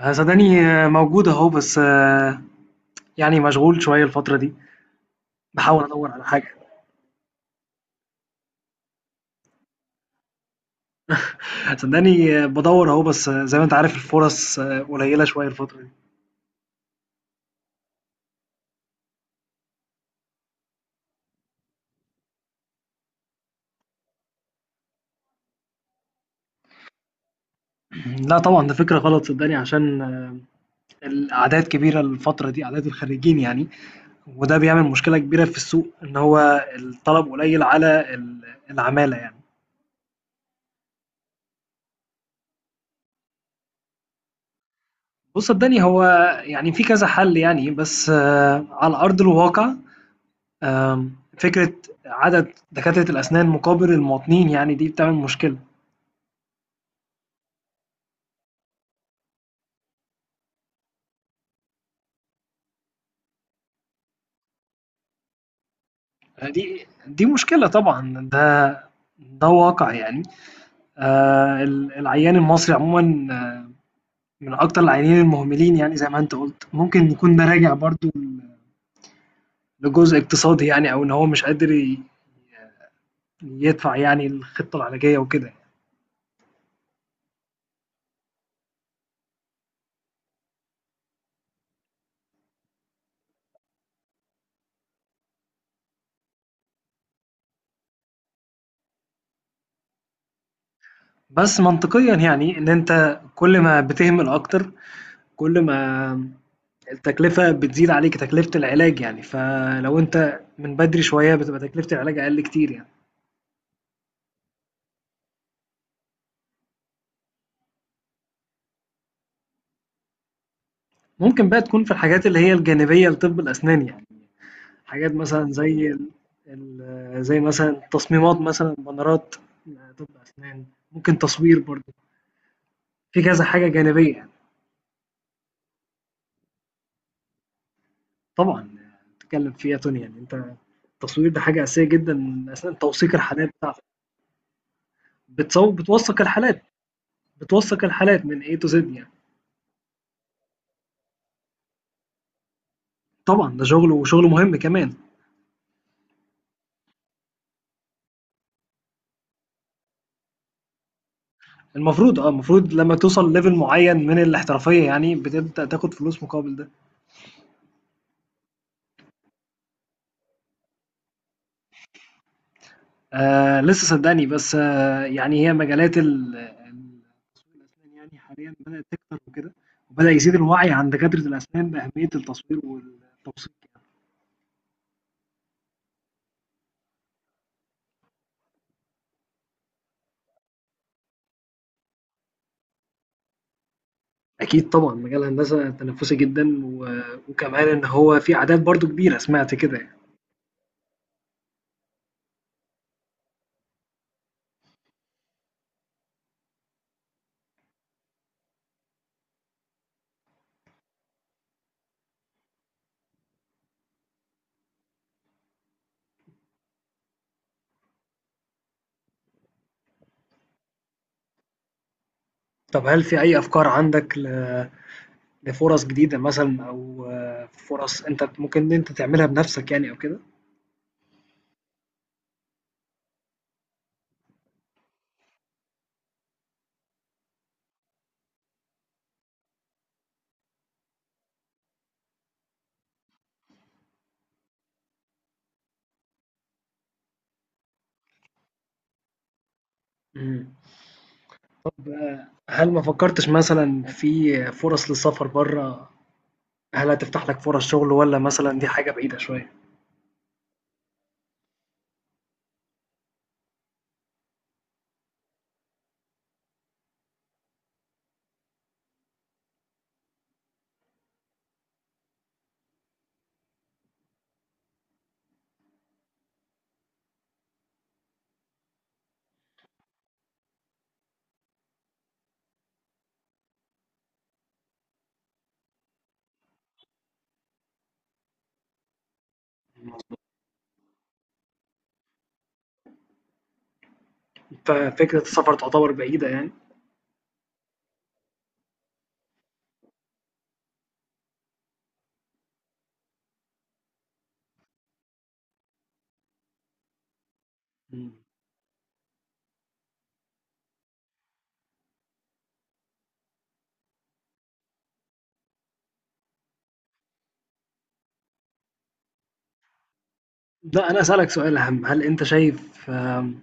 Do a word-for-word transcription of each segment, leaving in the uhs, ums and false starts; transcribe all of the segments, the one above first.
آه، صدقني آه، موجود اهو بس آه، يعني مشغول شوية الفترة دي. بحاول ادور على حاجة. صدقني آه، بدور اهو بس آه، زي ما انت عارف الفرص آه، قليلة شوية الفترة دي. لا طبعا ده فكرة غلط، صدقني عشان آه، الأعداد كبيرة الفترة دي، أعداد الخريجين يعني، وده بيعمل مشكلة كبيرة في السوق إن هو الطلب قليل على ال- العمالة يعني. بص صدقني هو يعني في كذا حل يعني بس آه، على أرض الواقع. آم، فكرة عدد دكاترة الأسنان مقابل المواطنين يعني دي بتعمل مشكلة. دي دي مشكلة طبعا، ده ده واقع يعني. آه، ال- العيان المصري عموما، آه، من أكتر العيانين المهملين يعني. زي ما أنت قلت، ممكن يكون ده راجع برضو لجزء اقتصادي يعني، أو إن هو مش قادر ي- يدفع يعني الخطة العلاجية وكده. بس منطقيا يعني إن أنت كل ما بتهمل أكتر كل ما التكلفة بتزيد عليك، تكلفة العلاج يعني، فلو أنت من بدري شوية بتبقى تكلفة العلاج أقل كتير يعني. ممكن بقى تكون في الحاجات اللي هي الجانبية لطب الأسنان يعني، حاجات مثلًا زي ال ال زي مثلًا تصميمات، مثلًا بانرات لطب أسنان، ممكن تصوير برضه، في كذا حاجة جانبية يعني. طبعًا بتتكلم فيها دنيا يعني أنت. التصوير ده حاجة أساسية جدًا أثناء توثيق الحالات بتاعتك، بتصو بتوثق الحالات، بتوثق الحالات من A to Z يعني. طبعًا ده شغل، وشغل مهم كمان. المفروض آه، المفروض لمّا توصل level معيّن من الاحترافية يعني بتبدأ تاخد فلوس مقابل ده. آآ لسه صدّقني، بس آه يعني هي مجالات ال ال- التسويق الأسنان يعني حاليًا بدأت تكتر وكده، وبدأ يزيد الوعي عند دكاترة الأسنان بأهمية التصوير والتوثيق يعني. أكيد طبعًا مجال هندسة تنافسي جدًا، و وكمان إن هو في أعداد برضه كبيرة سمعت كده يعني. طب هل في أي أفكار عندك ل لفُرَص جديدة مثلًا، أو آه، فُرَص أنت ممكن إن أنت تعملها بنفسك يعني أو كده؟ إمم. ب هل ما فكّرتش مثلًا في فرص للسفر برّه، هل هتفتح لك فرص شغل والّا مثلًا دي حاجة بعيدة شوية؟ مضبوط. ففكرة السفر تعتبر بعيدة يعني؟ إمم. لأ، أنا هاسألك سؤال أهم، هل أنت شايف آمم،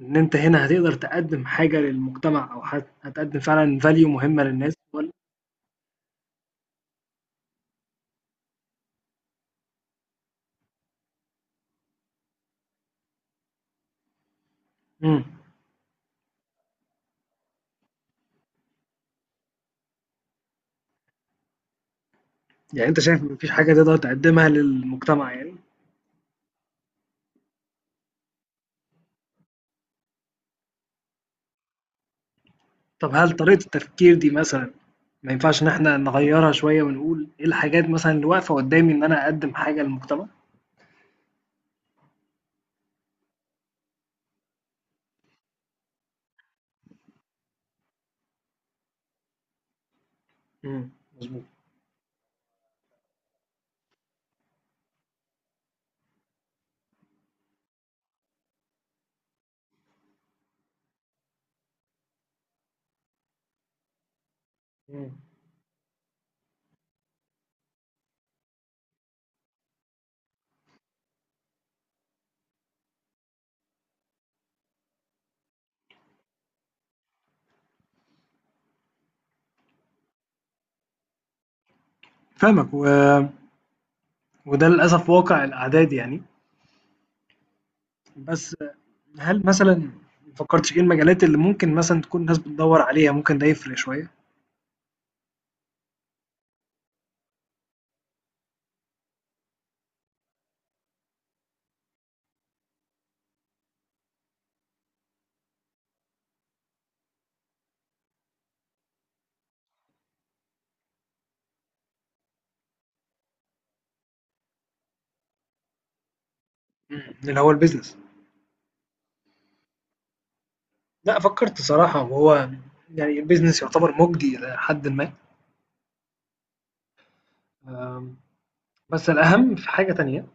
إن أنت هنا هتقدر تقدّم حاجة للمجتمع، أو هت هتقدّم فعلًا value مهمة للناس والّا؟ إمم، يعني أنت شايف ما فيش حاجة تقدر تقدّمها للمجتمع يعني؟ طب هل طريقة التفكير دي مثلًا ما ينفعش إن إحنا نغيّرها شوية ونقول إيه الحاجات مثلًا اللي واقفة قدّامي إن أنا أقدّم حاجة للمجتمع؟ إمم، مضبوط، إمم. فاهمك، و وده للأسف واقع الأعداد يعني. بس هل مثلًا ما فكّرتش إيه المجالات اللي ممكن مثلًا تكون الناس بتدوّر عليها، ممكن ده يفرق شوية؟ إمم. اللي هو الbusiness. لأ فكّرت صراحة، وهو يعني الbusiness يعتبر مُجدي إلى حدٍ ما. آمم، بس الأهم في حاجة تانية،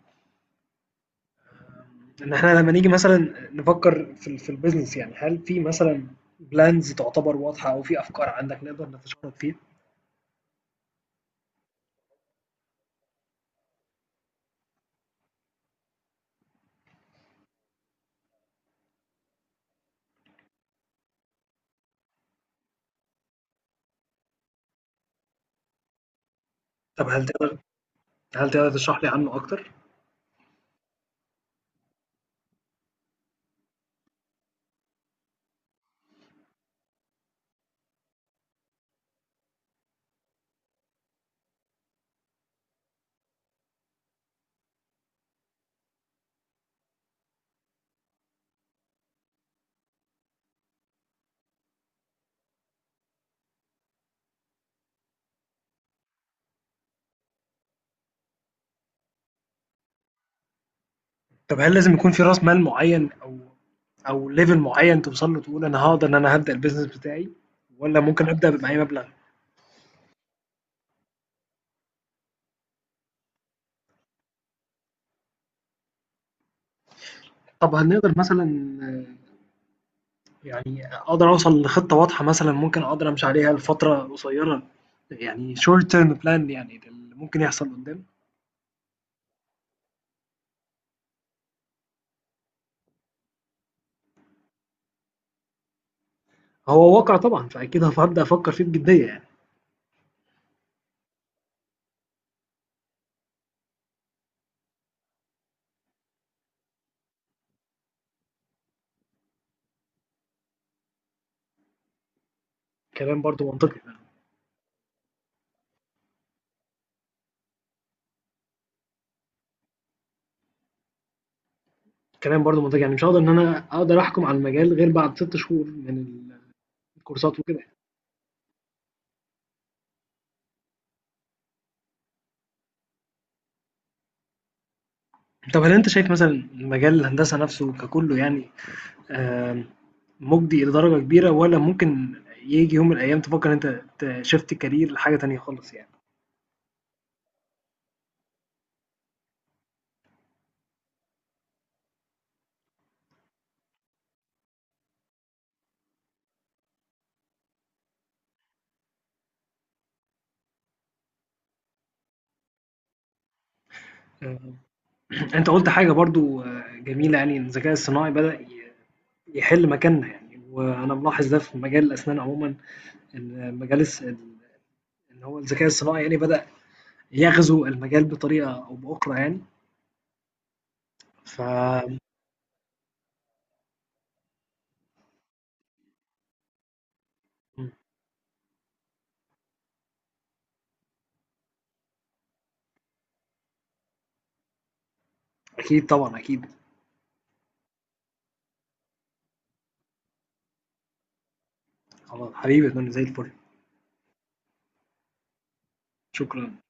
ان احنا لما نيجي مثلا نفكر في ال- في البيزنس يعني، هل في مثلا بلانز تعتبر واضحه او في افكار عندك نقدر نتشارك فيها؟ طب هل تقدر هل تقدر تشرح لي عنه اكتر؟ طب هل لازم يكون في راس مال معين، او او ليفل معين توصل له تقول انا هقدر ان انا هبدا البيزنس بتاعي، ولا ممكن ابدا بأي مبلغ؟ طب هنقدر مثلا، آه، يعني اقدر اوصل لخطه واضحه مثلا ممكن اقدر امشي عليها لفتره قصيره، يعني شورت تيرم بلان يعني، ده اللي ممكن يحصل قدام. هو واقع طبعًا، فأكيد هف هابدأ أفكّر فيه بجدية يعني. كلام برضه منطقي فعلًا. كلام برضه منطقي، يعني مش هاقدر إن أنا أقدر أحكُم على المجال غير بعد 6 شهور من ال الكورسات وكده يعني. طَب هل أنت شايف مثلًا مجال الهندسة نَفْسه ككُلّه يعني آمم مُجدي إلى درجة كبيرة، والّا ممكن ييجي يوم من الأيام تفكّر إن أنت ت shift career لحاجة تانية خالص يعني؟ آآ أنت قُلت حاجة برضه جميلة يعني، إن الذكاء الصناعي بدأ ي يحِل مكاننا يعني، وأنا ملاحظ ده في مجال الأسنان عمومًا، إن مجال الس ال اللي هو الذكاء الصناعي يعني بدأ يغزو المجال بطريقة أو بأخرى يعني. فأكيد طبعا أكيد. خلاص حبيبي يا فندم، زي الفل. شكرا.